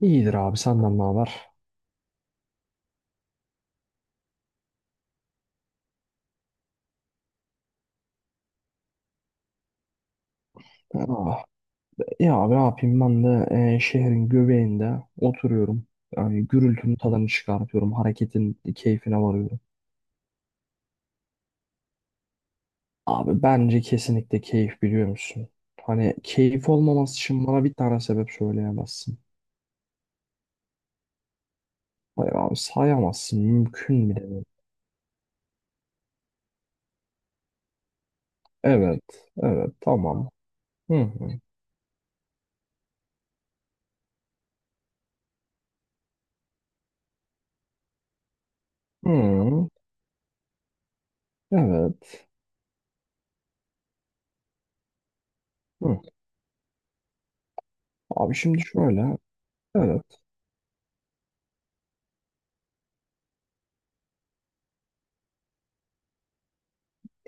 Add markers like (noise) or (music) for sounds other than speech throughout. İyidir abi senden ne haber? Ah, ya abi ne yapayım ben de şehrin göbeğinde oturuyorum. Yani gürültünün tadını çıkartıyorum. Hareketin keyfine varıyorum. Abi bence kesinlikle keyif, biliyor musun? Hani keyif olmaması için bana bir tane sebep söyleyemezsin. Hayır abi sayamazsın. Mümkün bile değil. Evet. Evet, tamam. Hı hı. Hı. Evet. Hı. Abi şimdi şöyle. Evet.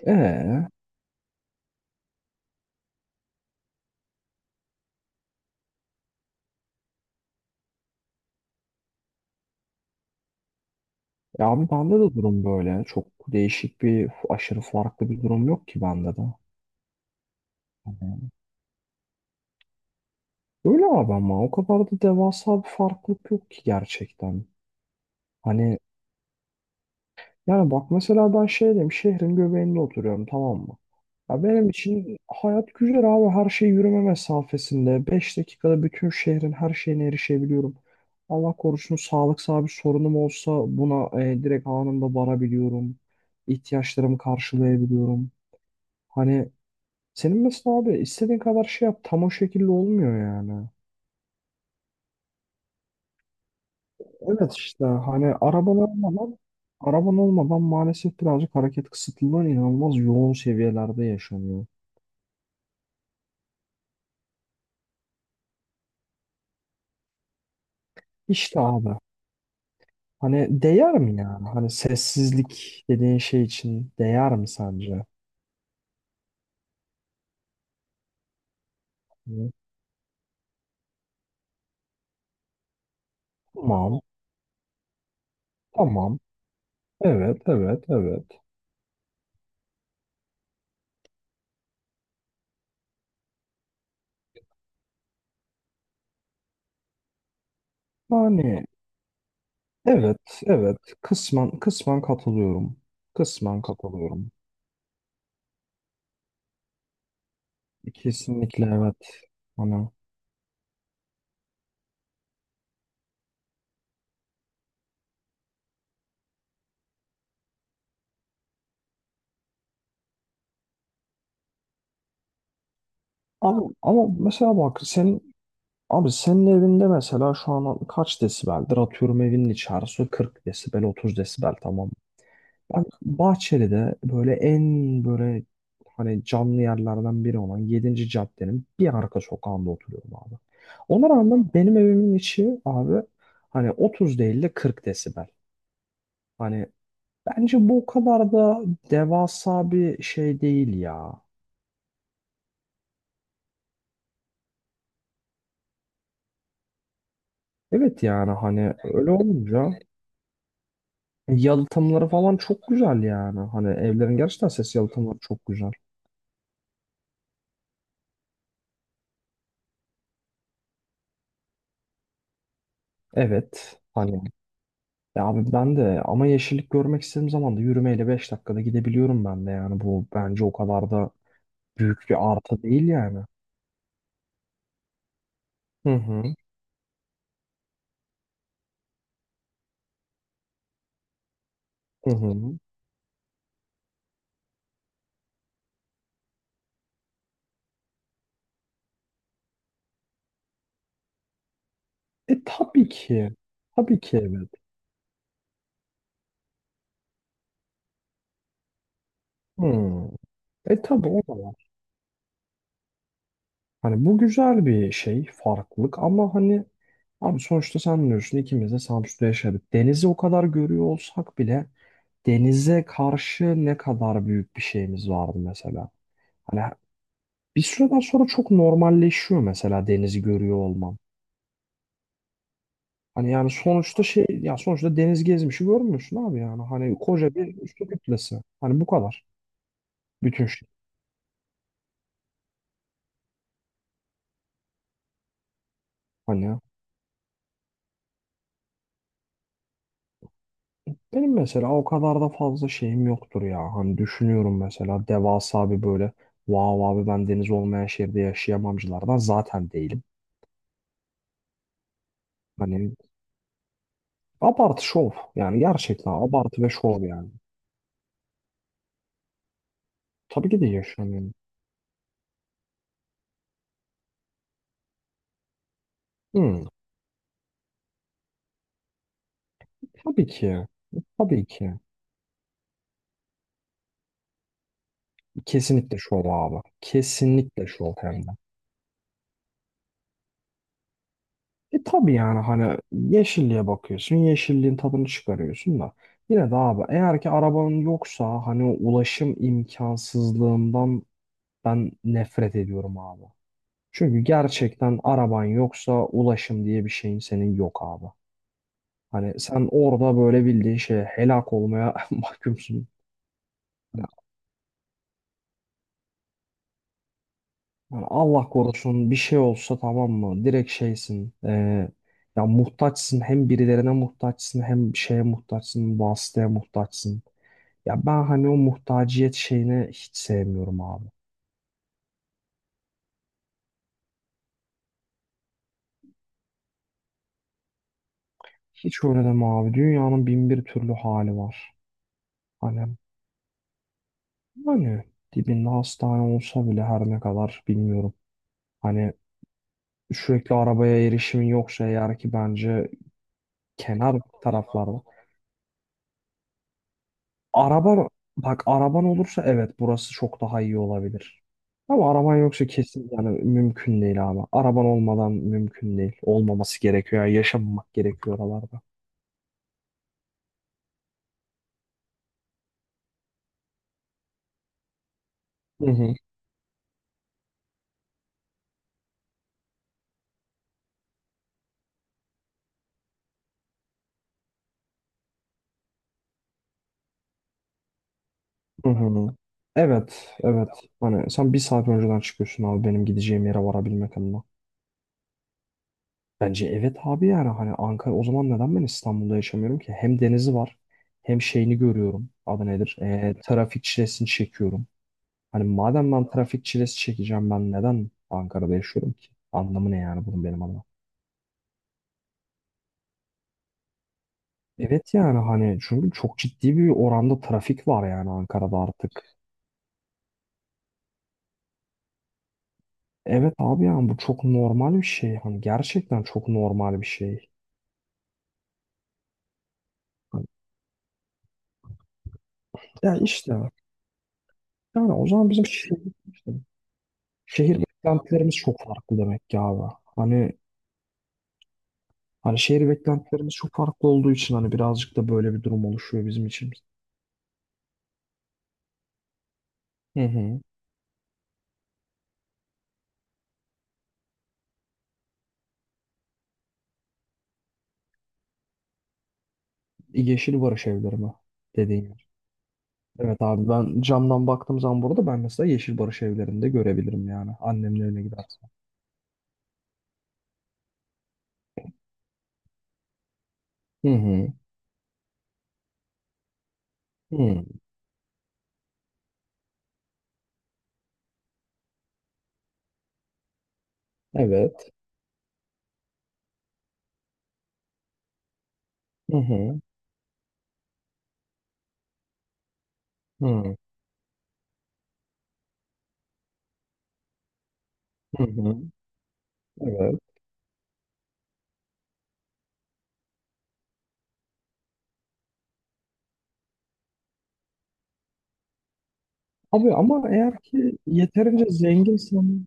Ee? Ya abi bende de durum böyle. Çok değişik bir, aşırı farklı bir durum yok ki bende de. Hani öyle abi ama o kadar da devasa bir farklılık yok ki gerçekten. Hani yani bak mesela ben şey diyeyim, şehrin göbeğinde oturuyorum, tamam mı? Ya benim için hayat güzel abi. Her şey yürüme mesafesinde. 5 dakikada bütün şehrin her şeyine erişebiliyorum. Allah korusun sağlıksal bir sorunum olsa buna direkt anında varabiliyorum. İhtiyaçlarımı karşılayabiliyorum. Hani senin mesela abi istediğin kadar şey yap tam o şekilde olmuyor yani. Evet işte hani araban olmadan maalesef birazcık hareket kısıtlılığın inanılmaz yoğun seviyelerde yaşanıyor. İşte abi hani değer mi yani? Hani sessizlik dediğin şey için değer mi sence? Hı. Tamam, tamam. Evet, evet, evet. Yani evet, evet. Kısmen, kısmen katılıyorum. Kısmen katılıyorum. Kesinlikle evet. Hani abi, ama mesela bak sen, abi senin evinde mesela şu an kaç desibeldir? Atıyorum evinin içerisi 40 desibel, 30 desibel, tamam mı? Ben Bahçeli'de böyle, en böyle hani canlı yerlerden biri olan yedinci caddenin bir arka sokağında oturuyorum abi. Ona rağmen benim evimin içi abi hani 30 değil de 40 desibel. Hani bence bu o kadar da devasa bir şey değil ya. Evet yani hani öyle olunca yalıtımları falan çok güzel yani. Hani evlerin gerçekten ses yalıtımları çok güzel. Evet. Hani ya abi ben de ama yeşillik görmek istediğim zaman da yürümeyle 5 dakikada gidebiliyorum ben de yani. Bu bence o kadar da büyük bir artı değil yani. Hı hı. Hı hı. E, tabii ki. Tabii ki evet. Hmm. E, tabii o da var. Hani bu güzel bir şey, farklılık, ama hani abi sonuçta sen biliyorsun, ikimiz de Samsun'da yaşadık. Denizi o kadar görüyor olsak bile denize karşı ne kadar büyük bir şeyimiz vardı mesela. Hani bir süreden sonra çok normalleşiyor mesela denizi görüyor olman. Hani yani sonuçta şey ya, sonuçta deniz, gezmişi görmüyorsun abi yani. Hani koca bir su kütlesi. Hani bu kadar. Bütün şey. Hani ya, benim mesela o kadar da fazla şeyim yoktur ya. Hani düşünüyorum mesela devasa bir böyle vav, abi ben deniz olmayan şehirde yaşayamamcılardan zaten değilim. Hani abartı şov. Yani gerçekten abartı ve şov yani. Tabii ki de yaşıyorum. Hmm, tabii ki. Tabii ki. Kesinlikle şov abi. Kesinlikle şov, hem de. E, tabii yani hani yeşilliğe bakıyorsun. Yeşilliğin tadını çıkarıyorsun da. Yine de abi, eğer ki arabanın yoksa hani o ulaşım imkansızlığından ben nefret ediyorum abi. Çünkü gerçekten araban yoksa ulaşım diye bir şeyin senin yok abi. Hani sen orada böyle bildiğin şeye helak olmaya (laughs) mahkumsun. Yani Allah korusun bir şey olsa, tamam mı? Direkt şeysin. Ya muhtaçsın, hem birilerine muhtaçsın, hem şeye muhtaçsın, vasıtaya muhtaçsın. Ya ben hani o muhtaciyet şeyini hiç sevmiyorum abi. Hiç öyle deme abi. Dünyanın bin bir türlü hali var. Hani hani dibinde hastane olsa bile, her ne kadar bilmiyorum. Hani sürekli arabaya erişimin yoksa eğer ki bence kenar taraflarda, araban, bak araban olursa evet, burası çok daha iyi olabilir. Ama araban yoksa kesin yani mümkün değil abi. Araban olmadan mümkün değil. Olmaması gerekiyor. Yani yaşamamak gerekiyor oralarda. Hı hı. Hı hı. Evet, evet. Hani sen bir saat önceden çıkıyorsun abi benim gideceğim yere varabilmek adına. Bence evet abi, yani hani Ankara, o zaman neden ben İstanbul'da yaşamıyorum ki? Hem denizi var, hem şeyini görüyorum. Adı nedir? Trafik çilesini çekiyorum. Hani madem ben trafik çilesi çekeceğim, ben neden Ankara'da yaşıyorum ki? Anlamı ne yani bunun benim adıma? Evet yani hani çünkü çok ciddi bir oranda trafik var yani Ankara'da artık. Evet abi yani bu çok normal bir şey. Hani gerçekten çok normal bir şey. Hani ya işte, yani o zaman bizim şehir, işte şehir beklentilerimiz çok farklı demek ki abi. Hani şehir beklentilerimiz çok farklı olduğu için hani birazcık da böyle bir durum oluşuyor bizim için. Hı hı. Yeşil Barış evleri mi dediğin? Evet abi, ben camdan baktığım zaman burada ben mesela Yeşil Barış evlerinde görebilirim yani annemin evine gidersem. Hı hı. Hı. Evet. Hı hı. Hı. Hı hı. Evet. Abi ama eğer ki yeterince zenginsen,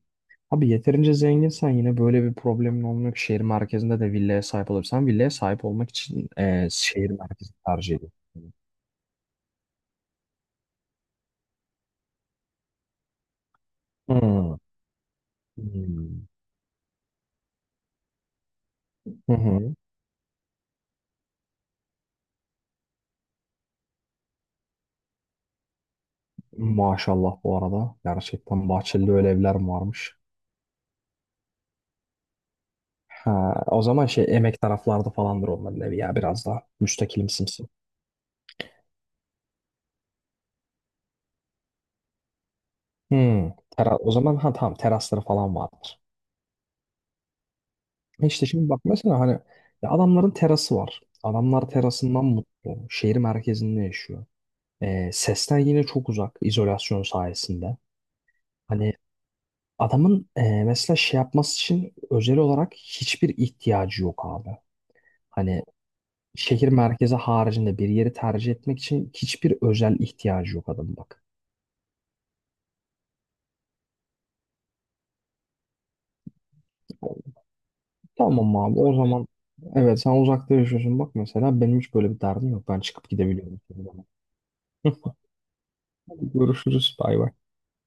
abi yeterince zenginsen yine böyle bir problemin olmuyor ki, şehir merkezinde de villaya sahip olursan, villaya sahip olmak için şehir merkezi tercih ediyorsun. Hı. Hı. Hı hı. Maşallah bu arada. Gerçekten Bahçeli'de öyle evler mi varmış. Ha, o zaman şey, emek taraflarda falandır onların evi ya, biraz daha müstakilimsimsi. Hmm, o zaman ha tamam, terasları falan vardır. E, İşte şimdi bak mesela hani ya, adamların terası var. Adamlar terasından mutlu. Şehir merkezinde yaşıyor. Sesten yine çok uzak izolasyon sayesinde. Hani adamın mesela şey yapması için özel olarak hiçbir ihtiyacı yok abi. Hani şehir merkezi haricinde bir yeri tercih etmek için hiçbir özel ihtiyacı yok adamın, bak. Tamam abi, o zaman evet, sen uzakta yaşıyorsun, bak mesela benim hiç böyle bir derdim yok. Ben çıkıp gidebiliyorum. (laughs) Hadi görüşürüz, bay bay.